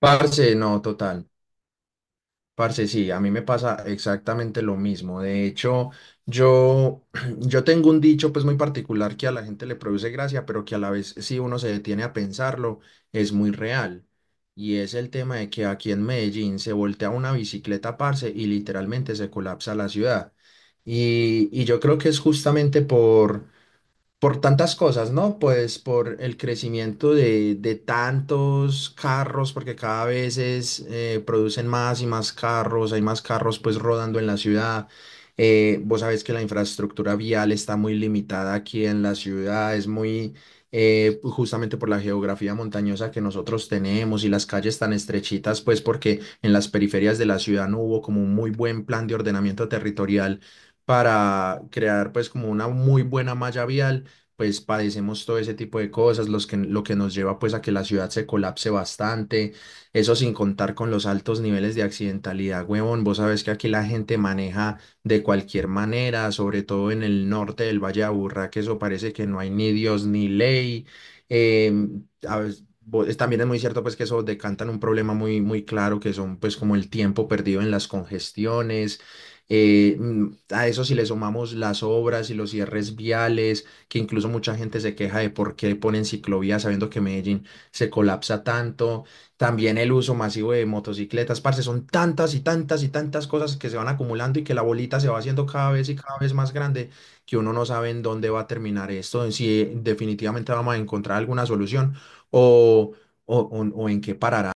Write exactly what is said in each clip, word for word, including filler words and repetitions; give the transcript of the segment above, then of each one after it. Parce, no, total. Parce, sí, a mí me pasa exactamente lo mismo. De hecho, yo, yo tengo un dicho pues muy particular que a la gente le produce gracia, pero que a la vez, si uno se detiene a pensarlo, es muy real. Y es el tema de que aquí en Medellín se voltea una bicicleta, parce, y literalmente se colapsa la ciudad. Y, y yo creo que es justamente por por tantas cosas, ¿no? Pues por el crecimiento de, de tantos carros, porque cada vez es, eh, producen más y más carros, hay más carros pues rodando en la ciudad. Eh, vos sabés que la infraestructura vial está muy limitada aquí en la ciudad, es muy eh, justamente por la geografía montañosa que nosotros tenemos y las calles tan estrechitas, pues porque en las periferias de la ciudad no hubo como un muy buen plan de ordenamiento territorial para crear pues como una muy buena malla vial pues padecemos todo ese tipo de cosas, los que, lo que nos lleva pues a que la ciudad se colapse bastante, eso sin contar con los altos niveles de accidentalidad, huevón, vos sabés que aquí la gente maneja de cualquier manera, sobre todo en el norte del Valle de Aburrá, que eso parece que no hay ni Dios ni ley, em, a veces- bo- es- También es muy cierto pues que eso decantan un problema muy muy claro que son pues como el tiempo perdido en las congestiones, eh, mm, a eso si le sumamos las obras y los cierres viales, que incluso mucha gente se queja de por qué ponen ciclovías sabiendo que Medellín se colapsa tanto, también el uso masivo de motocicletas, parce, son tantas y tantas y tantas cosas que se van acumulando y que la bolita se va haciendo cada vez y cada vez más grande, que uno no sabe en dónde va a terminar esto, en si definitivamente vamos a encontrar alguna solución o, o o- o en qué parará.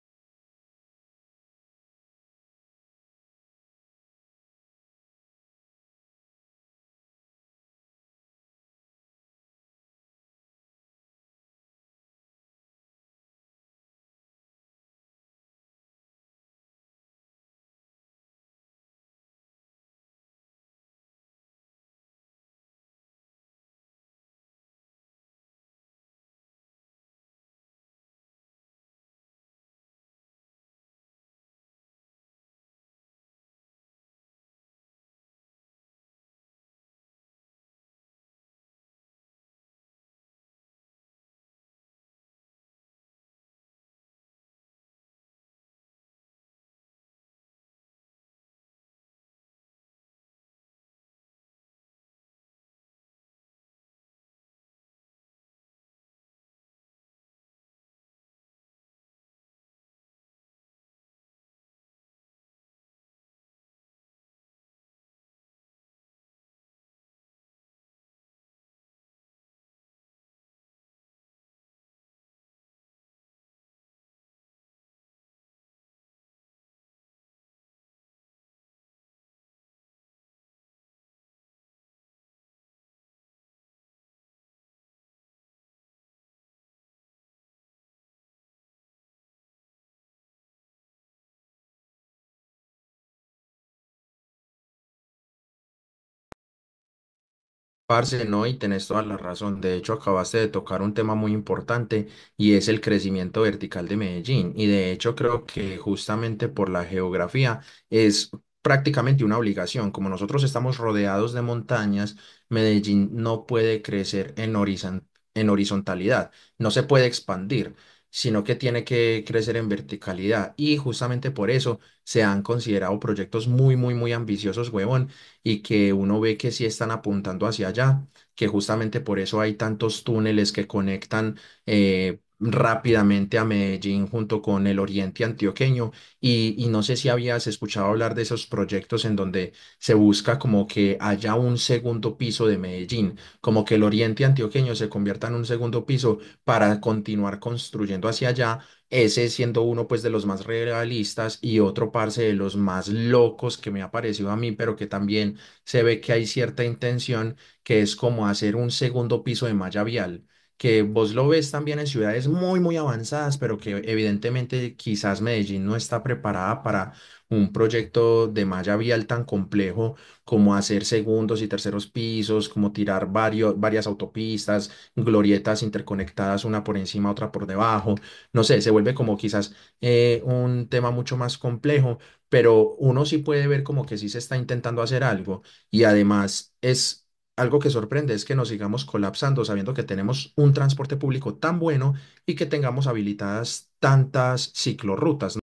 Parce, no, y tenés toda la razón. De hecho, acabaste de tocar un tema muy importante y es el crecimiento vertical de Medellín. Y de hecho, creo que justamente por la geografía es prácticamente una obligación. Como nosotros estamos rodeados de montañas, Medellín no puede crecer en horizon- en horizontalidad, no se puede expandir, sino que tiene que crecer en verticalidad. Y justamente por eso se han considerado proyectos muy, muy, muy ambiciosos, huevón y que uno ve que sí están apuntando hacia allá, que justamente por eso hay tantos túneles que conectan eh, rápidamente a Medellín junto con el oriente antioqueño. Y, y no sé si habías escuchado hablar de esos proyectos en donde se busca como que haya un segundo piso de Medellín, como que el oriente antioqueño se convierta en un segundo piso para continuar construyendo hacia allá, ese siendo uno pues de los más realistas y otro parce de los más locos que me ha parecido a mí, pero que también se ve que hay cierta intención, que es como hacer un segundo piso de malla vial, que vos lo ves también en ciudades muy, muy avanzadas, pero que evidentemente quizás Medellín no está preparada para un proyecto de malla vial tan complejo como hacer segundos y terceros pisos, como tirar varios, varias autopistas, glorietas interconectadas una por encima, otra por debajo. No sé, se vuelve como quizás eh, un tema mucho más complejo, pero uno sí puede ver como que sí se está intentando hacer algo. Y además es algo que sorprende, es que nos sigamos colapsando sabiendo que tenemos un transporte público tan bueno y que tengamos habilitadas tantas ciclorrutas, ¿no?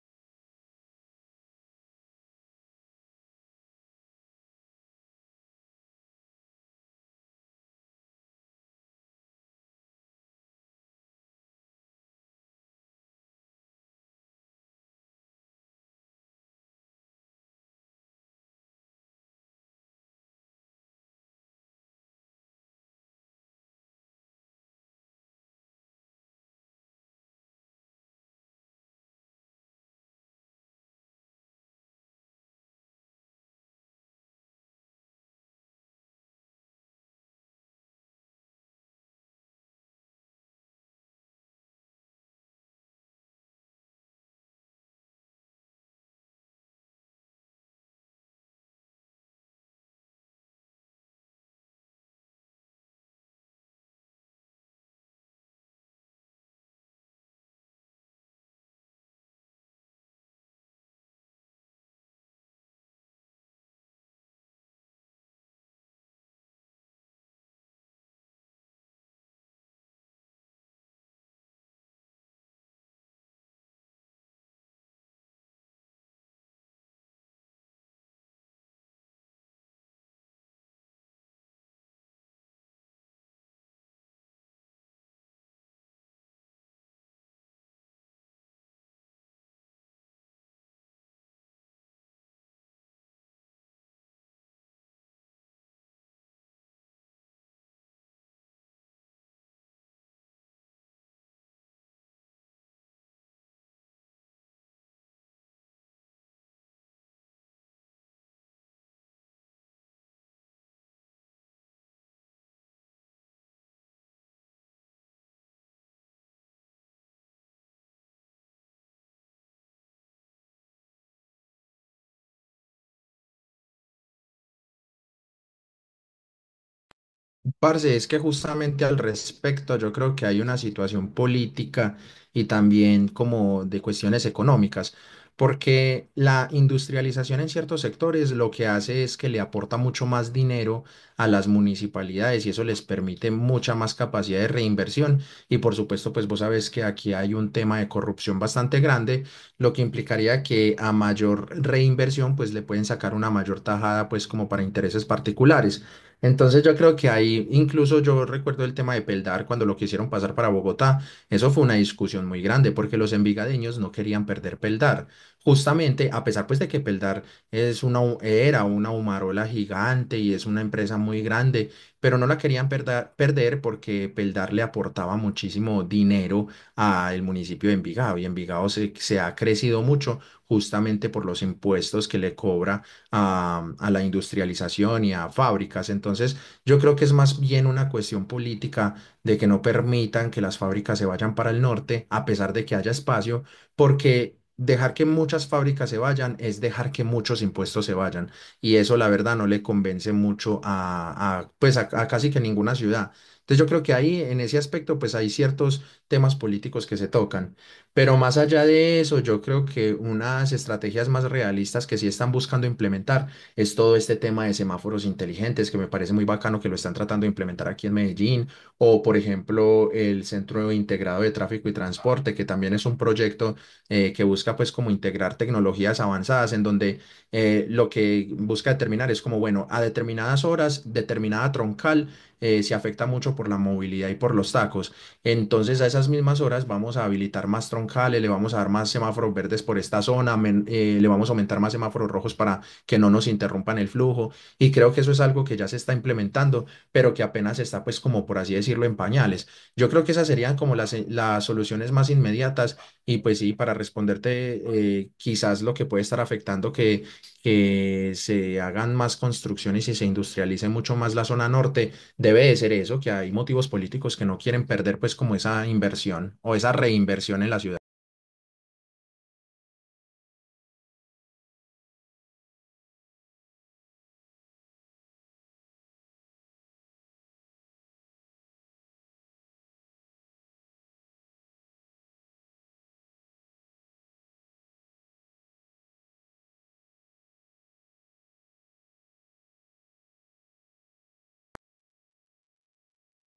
Parce, es que justamente al respecto yo creo que hay una situación política y también como de cuestiones económicas, porque la industrialización en ciertos sectores lo que hace es que le aporta mucho más dinero a las municipalidades y eso les permite mucha más capacidad de reinversión y por supuesto pues vos sabés que aquí hay un tema de corrupción bastante grande, lo que implicaría que a mayor reinversión pues le pueden sacar una mayor tajada pues como para intereses particulares. Entonces yo creo que ahí, incluso yo recuerdo el tema de Peldar cuando lo quisieron pasar para Bogotá, eso fue una discusión muy grande porque los envigadeños no querían perder Peldar. Justamente, a pesar pues de que Peldar es una, hu- era una humarola gigante y es una empresa muy grande, pero no la querían perder, perder porque Peldar le aportaba muchísimo dinero al municipio de Envigado y Envigado se, se ha crecido mucho justamente por los impuestos que le cobra a, a la industrialización y a fábricas. Entonces, yo creo que es más bien una cuestión política de que no permitan que las fábricas se vayan para el norte, a pesar de que haya espacio, porque... Dejar que muchas fábricas se vayan es dejar que muchos impuestos se vayan y eso la verdad no le convence mucho a, a, pues a a casi que ninguna ciudad. Entonces yo creo que ahí, en ese aspecto, pues hay ciertos temas políticos que se tocan. Pero más allá de eso, yo creo que unas estrategias más realistas que sí están buscando implementar es todo este tema de semáforos inteligentes, que me parece muy bacano que lo están tratando de implementar aquí en Medellín, o por ejemplo el Centro Integrado de Tráfico y Transporte, que también es un proyecto eh, que busca pues como integrar tecnologías avanzadas en donde eh, lo que busca determinar es como, bueno, a determinadas horas, determinada troncal eh, se afecta mucho por la movilidad y por los tacos. Entonces, a esas mismas horas vamos a habilitar más troncales, le vamos a dar más semáforos verdes por esta zona, men- eh, le vamos a aumentar más semáforos rojos para que no nos interrumpan el flujo. Y creo que eso es algo que ya se está implementando, pero que apenas está, pues, como por así decirlo, en pañales. Yo creo que esas serían como las, eh, las soluciones más inmediatas. Y pues sí, para responderte, eh, quizás lo que puede estar afectando que, que se hagan más construcciones y se industrialice mucho más la zona norte debe de ser eso, que hay motivos políticos que no quieren perder pues como esa inversión o esa reinversión en la ciudad.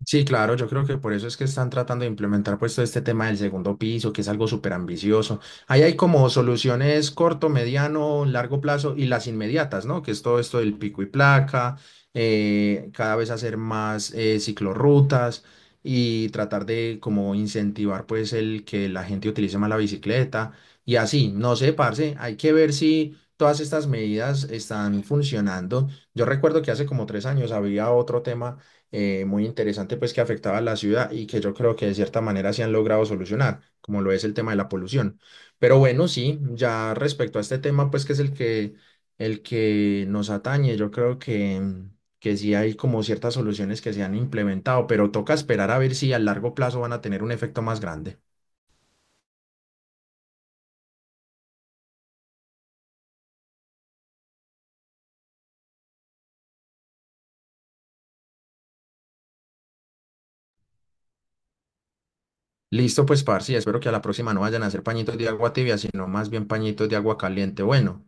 Sí, claro, yo creo que por eso es que están tratando de implementar pues todo este tema del segundo piso, que es algo súper ambicioso. Ahí hay como soluciones corto, mediano, largo plazo y las inmediatas, ¿no? Que es todo esto del pico y placa, eh, cada vez hacer más eh, ciclorrutas y tratar de como incentivar pues el que la gente utilice más la bicicleta y así, no sé, parce, hay que ver si todas estas medidas están funcionando. Yo recuerdo que hace como tres años había otro tema eh, muy interesante pues que afectaba a la ciudad y que yo creo que de cierta manera se han logrado solucionar, como lo es el tema de la polución. Pero bueno, sí, ya respecto a este tema pues que es el que, el que nos atañe, yo creo que, que sí hay como ciertas soluciones que se han implementado, pero toca esperar a ver si a largo plazo van a tener un efecto más grande. Listo, pues, parce, espero que a la próxima no vayan a hacer pañitos de agua tibia, sino más bien pañitos de agua caliente. Bueno.